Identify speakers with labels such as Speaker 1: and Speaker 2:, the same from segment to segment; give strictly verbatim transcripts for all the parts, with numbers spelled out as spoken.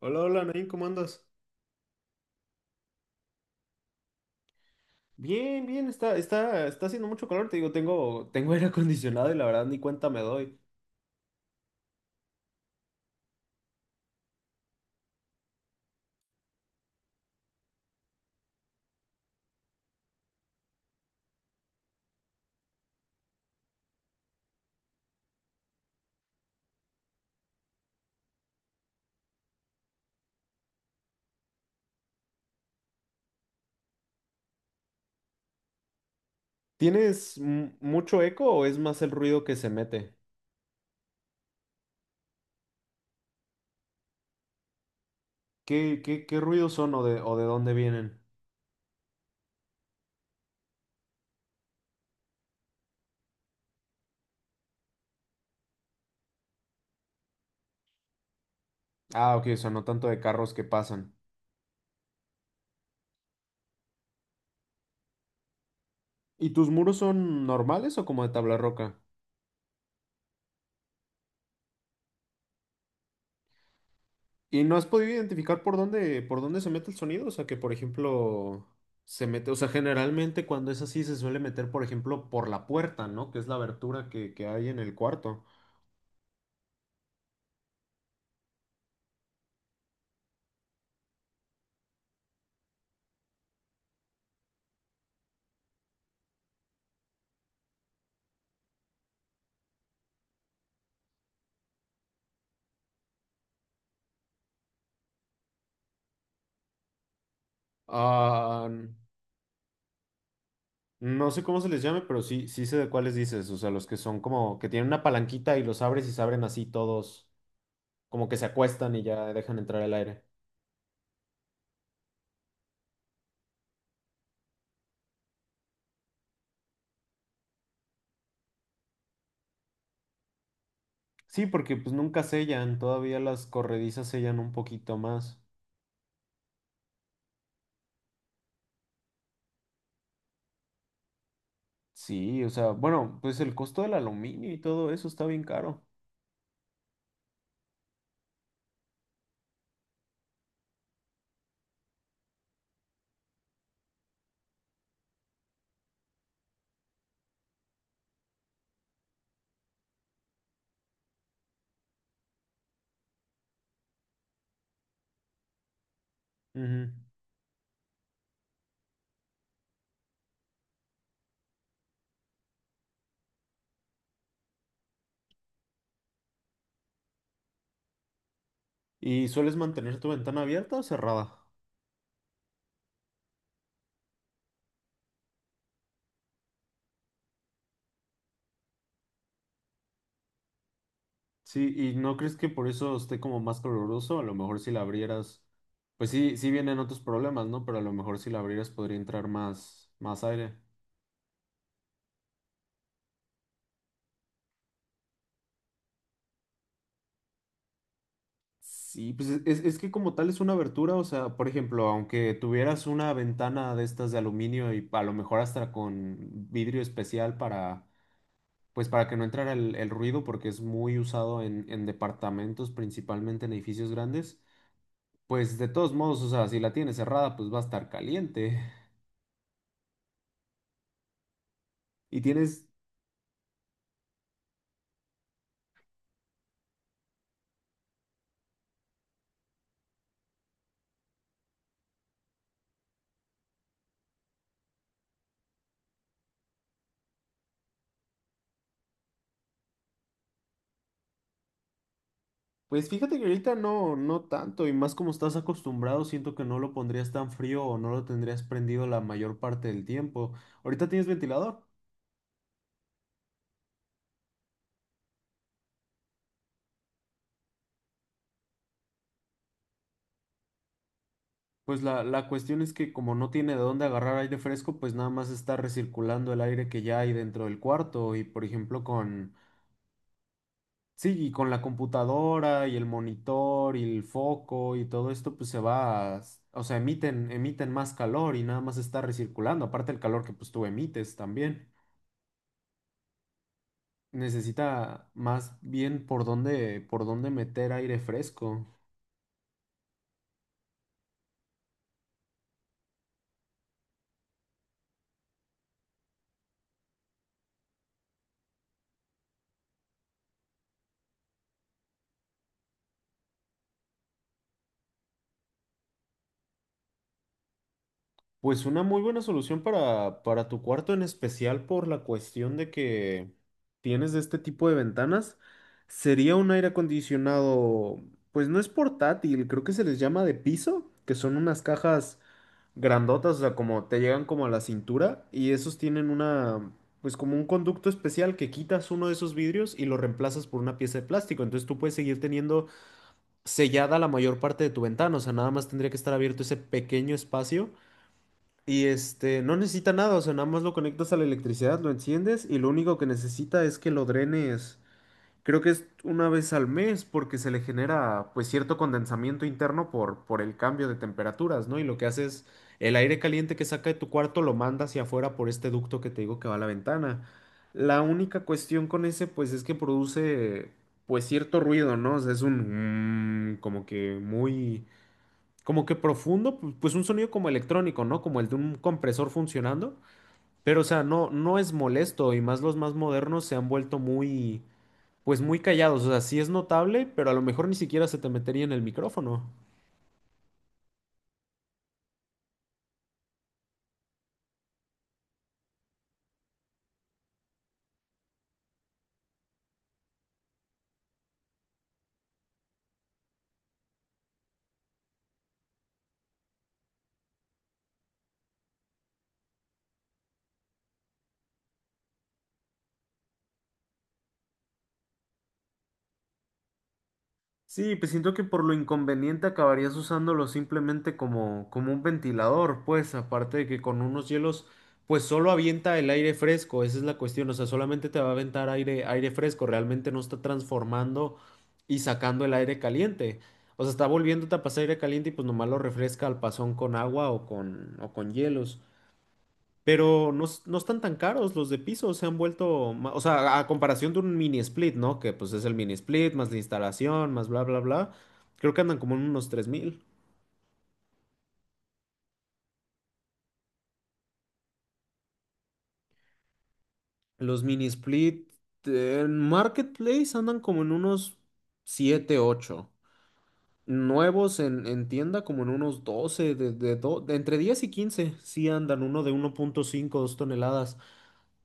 Speaker 1: Hola, hola, Nain, ¿cómo andas? Bien, bien, está, está, está haciendo mucho calor, te digo, tengo, tengo aire acondicionado y la verdad ni cuenta me doy. ¿Tienes mu- mucho eco o es más el ruido que se mete? ¿Qué, qué, qué ruidos son o de, o de dónde vienen? Ah, ok, o sea, no tanto de carros que pasan. ¿Y tus muros son normales o como de tabla roca? ¿Y no has podido identificar por dónde, por dónde se mete el sonido? O sea, que por ejemplo, se mete, o sea, generalmente cuando es así se suele meter, por ejemplo, por la puerta, ¿no? Que es la abertura que, que hay en el cuarto. Ah, no sé cómo se les llame, pero sí, sí sé de cuáles dices. O sea, los que son como que tienen una palanquita y los abres y se abren así todos, como que se acuestan y ya dejan entrar el aire. Sí, porque pues nunca sellan, todavía las corredizas sellan un poquito más. Sí, o sea, bueno, pues el costo del aluminio y todo eso está bien caro. Ujú. ¿Y sueles mantener tu ventana abierta o cerrada? Sí, ¿y no crees que por eso esté como más coloroso? A lo mejor si la abrieras, pues sí, sí vienen otros problemas, ¿no? Pero a lo mejor si la abrieras podría entrar más, más aire. Sí, pues es, es- es que como tal es una abertura, o sea, por ejemplo, aunque tuvieras una ventana de estas de aluminio y a lo mejor hasta con vidrio especial para, pues para que no entrara el, el ruido, porque es muy usado en, en departamentos, principalmente en edificios grandes, pues de todos modos, o sea, si la tienes cerrada, pues va a estar caliente. Y tienes Pues fíjate que ahorita no, no tanto, y más como estás acostumbrado, siento que no lo pondrías tan frío o no lo tendrías prendido la mayor parte del tiempo. Ahorita tienes ventilador. Pues la, la cuestión es que como no tiene de dónde agarrar aire fresco, pues nada más está recirculando el aire que ya hay dentro del cuarto. Y por ejemplo con, sí, y con la computadora y el monitor y el foco y todo esto, pues se va, a- o sea, emiten, emiten más calor y nada más está recirculando, aparte el calor que pues tú emites también. Necesita más bien por dónde, por dónde meter aire fresco. Pues una muy buena solución para, para tu cuarto, en especial por la cuestión de que tienes este tipo de ventanas, sería un aire acondicionado, pues no es portátil, creo que se les llama de piso, que son unas cajas grandotas, o sea, como te llegan como a la cintura y esos tienen una, pues como un conducto especial que quitas uno de esos vidrios y lo reemplazas por una pieza de plástico, entonces tú puedes seguir teniendo sellada la mayor parte de tu ventana, o sea, nada más tendría que estar abierto ese pequeño espacio y este, no necesita nada, o sea, nada más lo conectas a la electricidad, lo enciendes y lo único que necesita es que lo drenes. Creo que es una vez al mes porque se le genera pues cierto condensamiento interno por, por el cambio de temperaturas, ¿no? Y lo que hace es el aire caliente que saca de tu cuarto lo manda hacia afuera por este ducto que te digo que va a la ventana. La única cuestión con ese pues es que produce pues cierto ruido, ¿no? O sea, es un mm, como que muy como que profundo, pu- pues un sonido como electrónico, ¿no? Como el de un compresor funcionando, pero o sea, no no es molesto y más los más modernos se han vuelto muy pues muy callados, o sea, sí es notable, pero a lo mejor ni siquiera se te metería en el micrófono. Sí, pues siento que por lo inconveniente acabarías usándolo simplemente como, como un ventilador, pues aparte de que con unos hielos, pues solo avienta el aire fresco, esa es la cuestión, o sea, solamente te va a aventar aire, aire fresco, realmente no está transformando y sacando el aire caliente. O sea, está volviéndote a pasar aire caliente y pues nomás lo refresca al pasón con agua o con, o con hielos. Pero no, s- no están tan caros los de piso, se han vuelto, ma- o sea, a comparación de un mini split, ¿no? Que pues es el mini split, más la instalación, más bla, bla, bla. Creo que andan como en unos tres mil. Los mini split eh, en Marketplace andan como en unos siete ocho. Nuevos en, en tienda como en unos doce de, de, do- de entre diez y quince. Sí andan uno de uno punto cinco dos toneladas.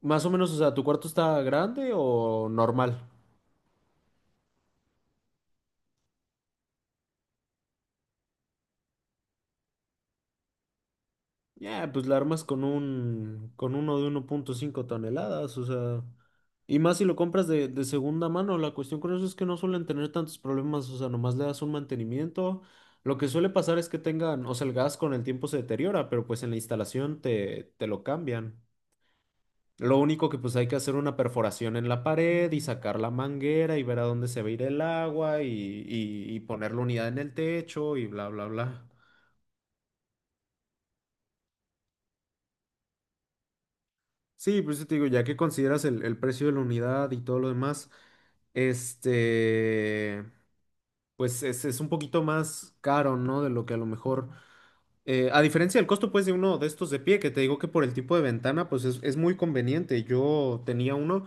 Speaker 1: Más o menos, o sea, ¿tu cuarto está grande o normal? Ya, pues la armas con un, con uno de uno punto cinco toneladas, o sea, y más si lo compras de, de segunda mano, la cuestión con eso es que no suelen tener tantos problemas, o sea, nomás le das un mantenimiento. Lo que suele pasar es que tengan, o sea, el gas con el tiempo se deteriora, pero pues en la instalación te, te lo cambian. Lo único que pues hay que hacer una perforación en la pared y sacar la manguera y ver a dónde se va a ir el agua y, y, y poner la unidad en el techo y bla, bla, bla. Sí, pues yo te digo, ya que consideras el, el precio de la unidad y todo lo demás, este, pues es, es un poquito más caro, ¿no? De lo que a lo mejor, eh, a diferencia del costo, pues, de uno de estos de pie, que te digo que por el tipo de ventana, pues es, es muy conveniente. Yo tenía uno,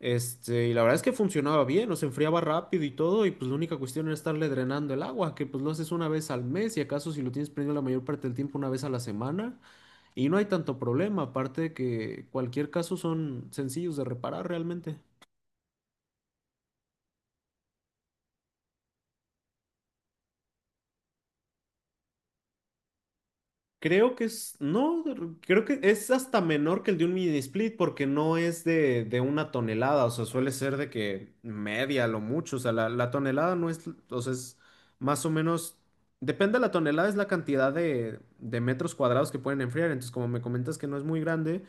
Speaker 1: este, y la verdad es que funcionaba bien, o se enfriaba rápido y todo, y pues la única cuestión era estarle drenando el agua, que pues lo haces una vez al mes, y acaso si lo tienes prendido la mayor parte del tiempo, una vez a la semana. Y no hay tanto problema, aparte de que cualquier caso son sencillos de reparar realmente. Creo que es, no, creo que es hasta menor que el de un mini split porque no es de, de una tonelada, o sea, suele ser de que media, lo mucho, o sea, la, la tonelada no es, o sea, es más o menos, depende de la tonelada, es la cantidad de, de metros cuadrados que pueden enfriar, entonces como me comentas que no es muy grande,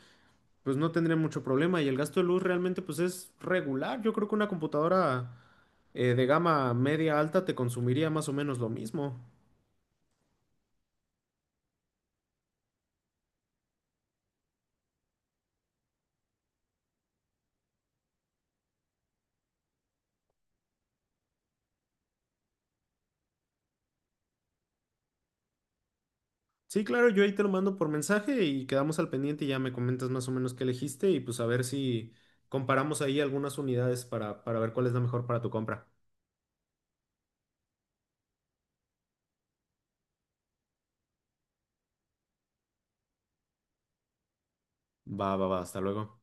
Speaker 1: pues no tendría mucho problema y el gasto de luz realmente pues es regular, yo creo que una computadora... eh, de gama media alta te consumiría más o menos lo mismo. Sí, claro, yo ahí te lo mando por mensaje y quedamos al pendiente y ya me comentas más o menos qué elegiste y pues a ver si comparamos ahí algunas unidades para, para ver cuál es la mejor para tu compra. Va, va, va, hasta luego.